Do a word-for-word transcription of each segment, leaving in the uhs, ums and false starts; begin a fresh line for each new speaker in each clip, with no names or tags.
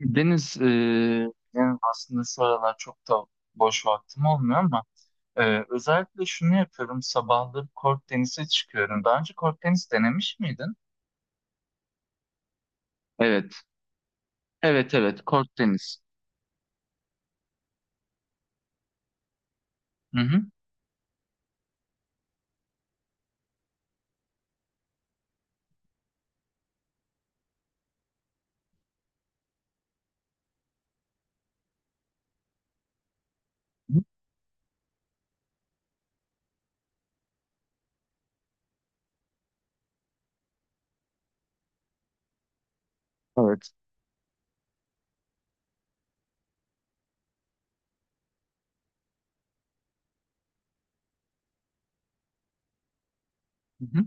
Deniz, eee, yani aslında şu aralar çok da boş vaktim olmuyor ama eee, özellikle şunu yapıyorum. Sabahları kort tenise çıkıyorum. Daha önce kort tenis denemiş miydin? Evet. Evet, evet, kort tenis. Hı hı. Evet. Hı hı.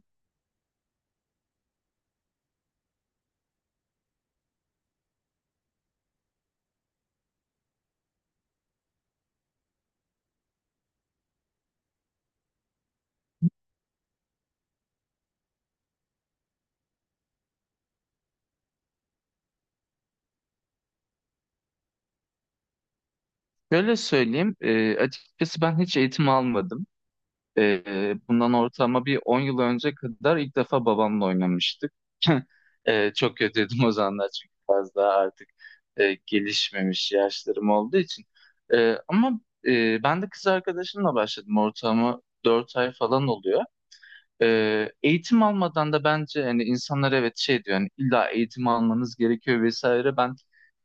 Şöyle söyleyeyim, eee, açıkçası ben hiç eğitim almadım. Ee, bundan ortalama bir on yıl önce kadar ilk defa babamla oynamıştık. Ee, çok kötüydüm o zamanlar çünkü biraz daha artık e, gelişmemiş yaşlarım olduğu için. Ee, ama e, ben de kız arkadaşımla başladım ortalama dört ay falan oluyor. Ee, eğitim almadan da bence hani insanlar evet şey diyor hani illa eğitim almanız gerekiyor vesaire. Ben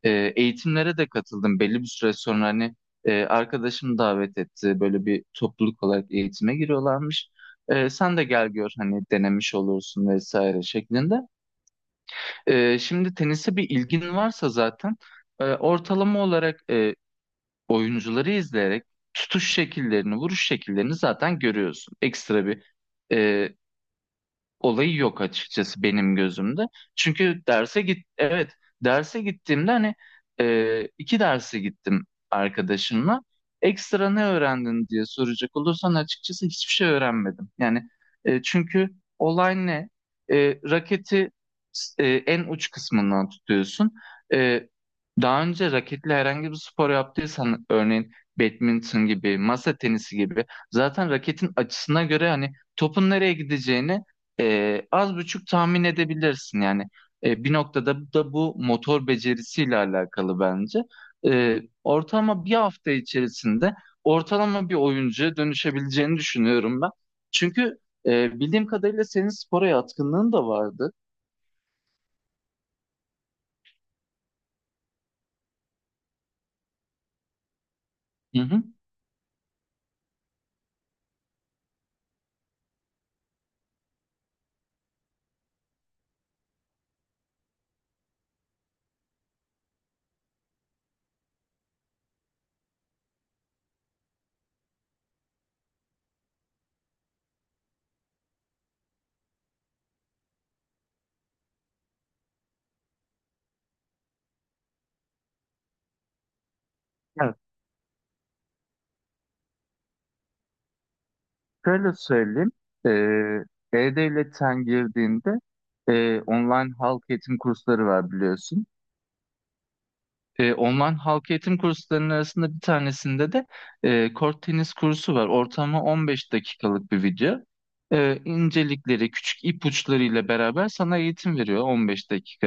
e, eğitimlere de katıldım belli bir süre sonra hani e, arkadaşım davet etti böyle bir topluluk olarak eğitime giriyorlarmış. E, sen de gel gör hani denemiş olursun vesaire şeklinde. E, şimdi tenise bir ilgin varsa zaten e, ortalama olarak e, oyuncuları izleyerek tutuş şekillerini, vuruş şekillerini zaten görüyorsun. Ekstra bir e, olayı yok açıkçası benim gözümde. Çünkü derse git, evet, derse gittiğimde hani e, iki derse gittim arkadaşımla. Ekstra ne öğrendin diye soracak olursan açıkçası hiçbir şey öğrenmedim. Yani e, çünkü olay ne? E, raketi e, en uç kısmından tutuyorsun. E, Daha önce raketle herhangi bir spor yaptıysan örneğin badminton gibi, masa tenisi gibi, zaten raketin açısına göre hani topun nereye gideceğini e, az buçuk tahmin edebilirsin yani. E, bir noktada da bu motor becerisiyle alakalı bence. E, ortalama bir hafta içerisinde ortalama bir oyuncuya dönüşebileceğini düşünüyorum ben. Çünkü e, bildiğim kadarıyla senin spora yatkınlığın da vardı. Hı hı. Evet, şöyle söyleyeyim. E, E-Devlet'ten girdiğinde e, online halk eğitim kursları var biliyorsun. E, online halk eğitim kurslarının arasında bir tanesinde de e, kort tenis kursu var. Ortamı on beş dakikalık bir video. E, incelikleri, küçük ipuçlarıyla beraber sana eğitim veriyor on beş dakika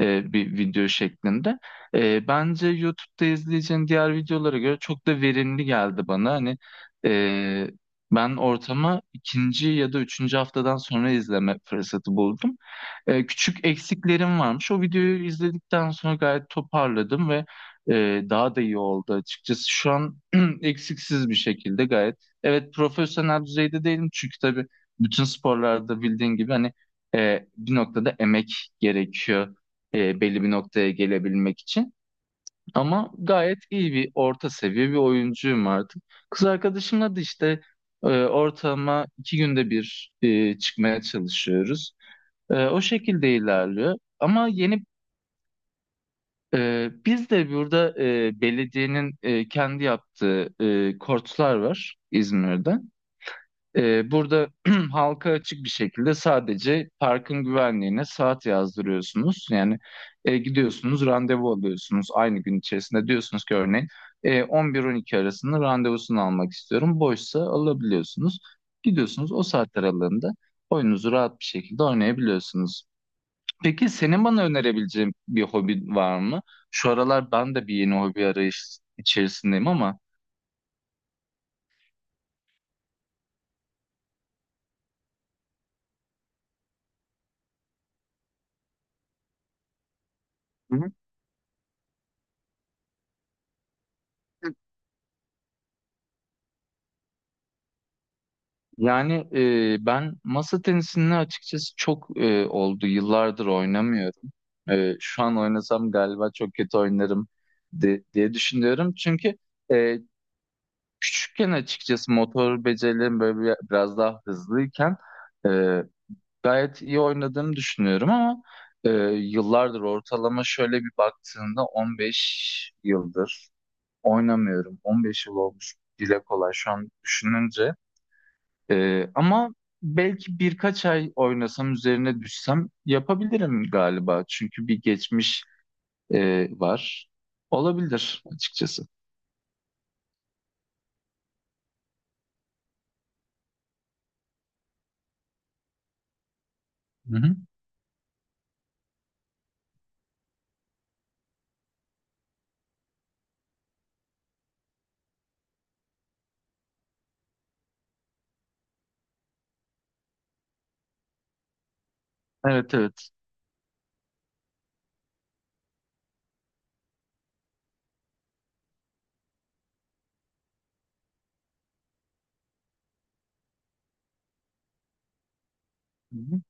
e, bir video şeklinde. E, bence YouTube'da izleyeceğin diğer videolara göre çok da verimli geldi bana. Hani e, ben ortama ikinci ya da üçüncü haftadan sonra izleme fırsatı buldum, e, küçük eksiklerim varmış. O videoyu izledikten sonra gayet toparladım ve e, daha da iyi oldu açıkçası. Şu an eksiksiz bir şekilde gayet. Evet, profesyonel düzeyde değilim çünkü tabii bütün sporlarda bildiğin gibi hani e, bir noktada emek gerekiyor e, belli bir noktaya gelebilmek için. Ama gayet iyi bir orta seviye bir oyuncuyum artık. Kız arkadaşımla da işte e, ortalama iki günde bir e, çıkmaya çalışıyoruz. Ee, o şekilde ilerliyor. Ama yeni e, biz de burada e, belediyenin e, kendi yaptığı e, kortlar var İzmir'de. E, burada halka açık bir şekilde sadece parkın güvenliğine saat yazdırıyorsunuz. Yani e, gidiyorsunuz, randevu alıyorsunuz aynı gün içerisinde. Diyorsunuz ki örneğin e, on bir on iki arasında randevusunu almak istiyorum. Boşsa alabiliyorsunuz. Gidiyorsunuz o saatler aralığında oyununuzu rahat bir şekilde oynayabiliyorsunuz. Peki senin bana önerebileceğin bir hobi var mı? Şu aralar ben de bir yeni hobi arayış içerisindeyim ama... Hı hı. Yani e, ben masa tenisini açıkçası çok e, oldu. Yıllardır oynamıyorum. E, şu an oynasam galiba çok kötü oynarım de- diye düşünüyorum. Çünkü e, küçükken açıkçası motor becerilerim böyle bir- biraz daha hızlıyken gayet iyi oynadığımı düşünüyorum ama e, yıllardır ortalama şöyle bir baktığında on beş yıldır oynamıyorum. on beş yıl olmuş, dile kolay şu an düşününce. E, ama belki birkaç ay oynasam üzerine düşsem yapabilirim galiba. Çünkü bir geçmiş e, var. Olabilir açıkçası. Hı hı. Evet, evet. Hı hı.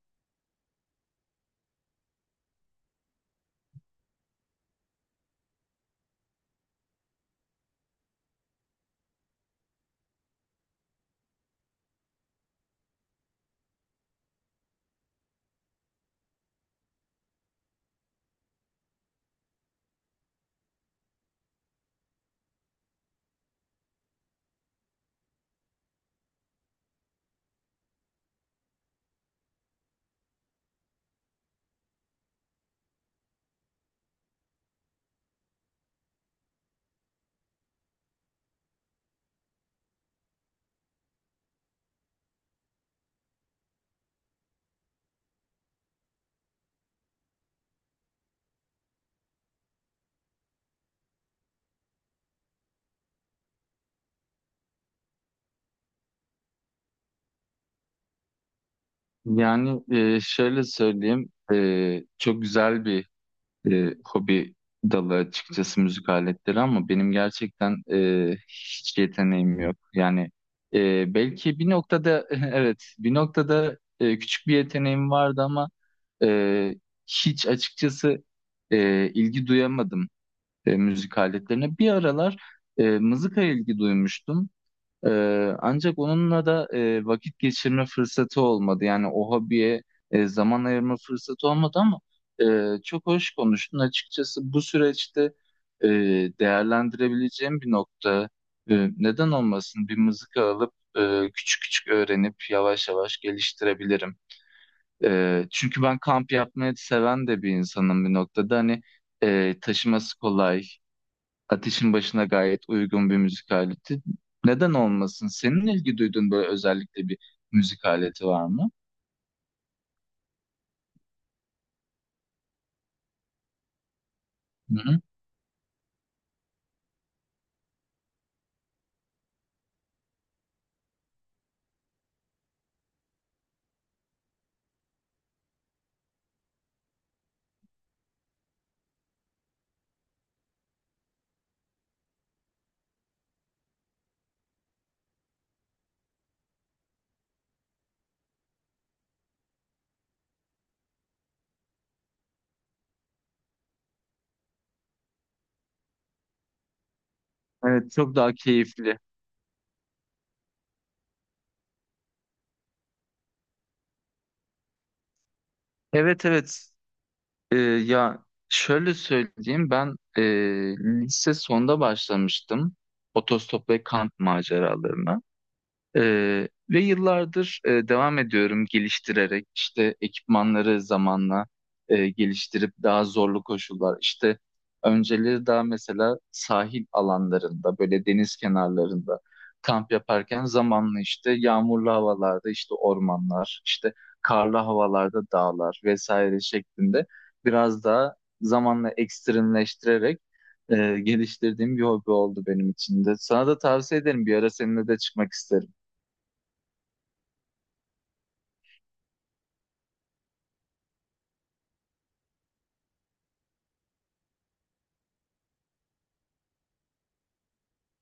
Yani e, şöyle söyleyeyim, e, çok güzel bir e, hobi dalı açıkçası müzik aletleri ama benim gerçekten e, hiç yeteneğim yok. Yani e, belki bir noktada evet, bir noktada e, küçük bir yeteneğim vardı ama e, hiç açıkçası e, ilgi duyamadım e, müzik aletlerine. Bir aralar e, mızıkaya ilgi duymuştum. Ee, ancak onunla da e, vakit geçirme fırsatı olmadı. Yani o hobiye e, zaman ayırma fırsatı olmadı ama e, çok hoş konuştun. Açıkçası bu süreçte e, değerlendirebileceğim bir nokta. E, neden olmasın? Bir mızıka alıp e, küçük küçük öğrenip yavaş yavaş geliştirebilirim. E, çünkü ben kamp yapmayı seven de bir insanım bir noktada. Hani e, taşıması kolay. Ateşin başına gayet uygun bir müzik aleti. Neden olmasın? Senin ilgi duyduğun böyle özellikle bir müzik aleti var mı? Hı hı. Evet, çok daha keyifli. Evet, evet. Ee, ya şöyle söyleyeyim, ben e, lise sonda başlamıştım otostop ve kamp maceralarına. Ee, ve yıllardır e, devam ediyorum, geliştirerek işte ekipmanları zamanla, e, geliştirip daha zorlu koşullar, işte önceleri daha mesela sahil alanlarında böyle deniz kenarlarında kamp yaparken, zamanla işte yağmurlu havalarda işte ormanlar, işte karlı havalarda dağlar vesaire şeklinde biraz daha zamanla ekstremleştirerek e, geliştirdiğim bir hobi oldu benim için de. Sana da tavsiye ederim, bir ara seninle de çıkmak isterim.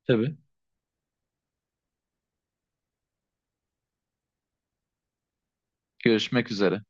Tabii. Görüşmek üzere.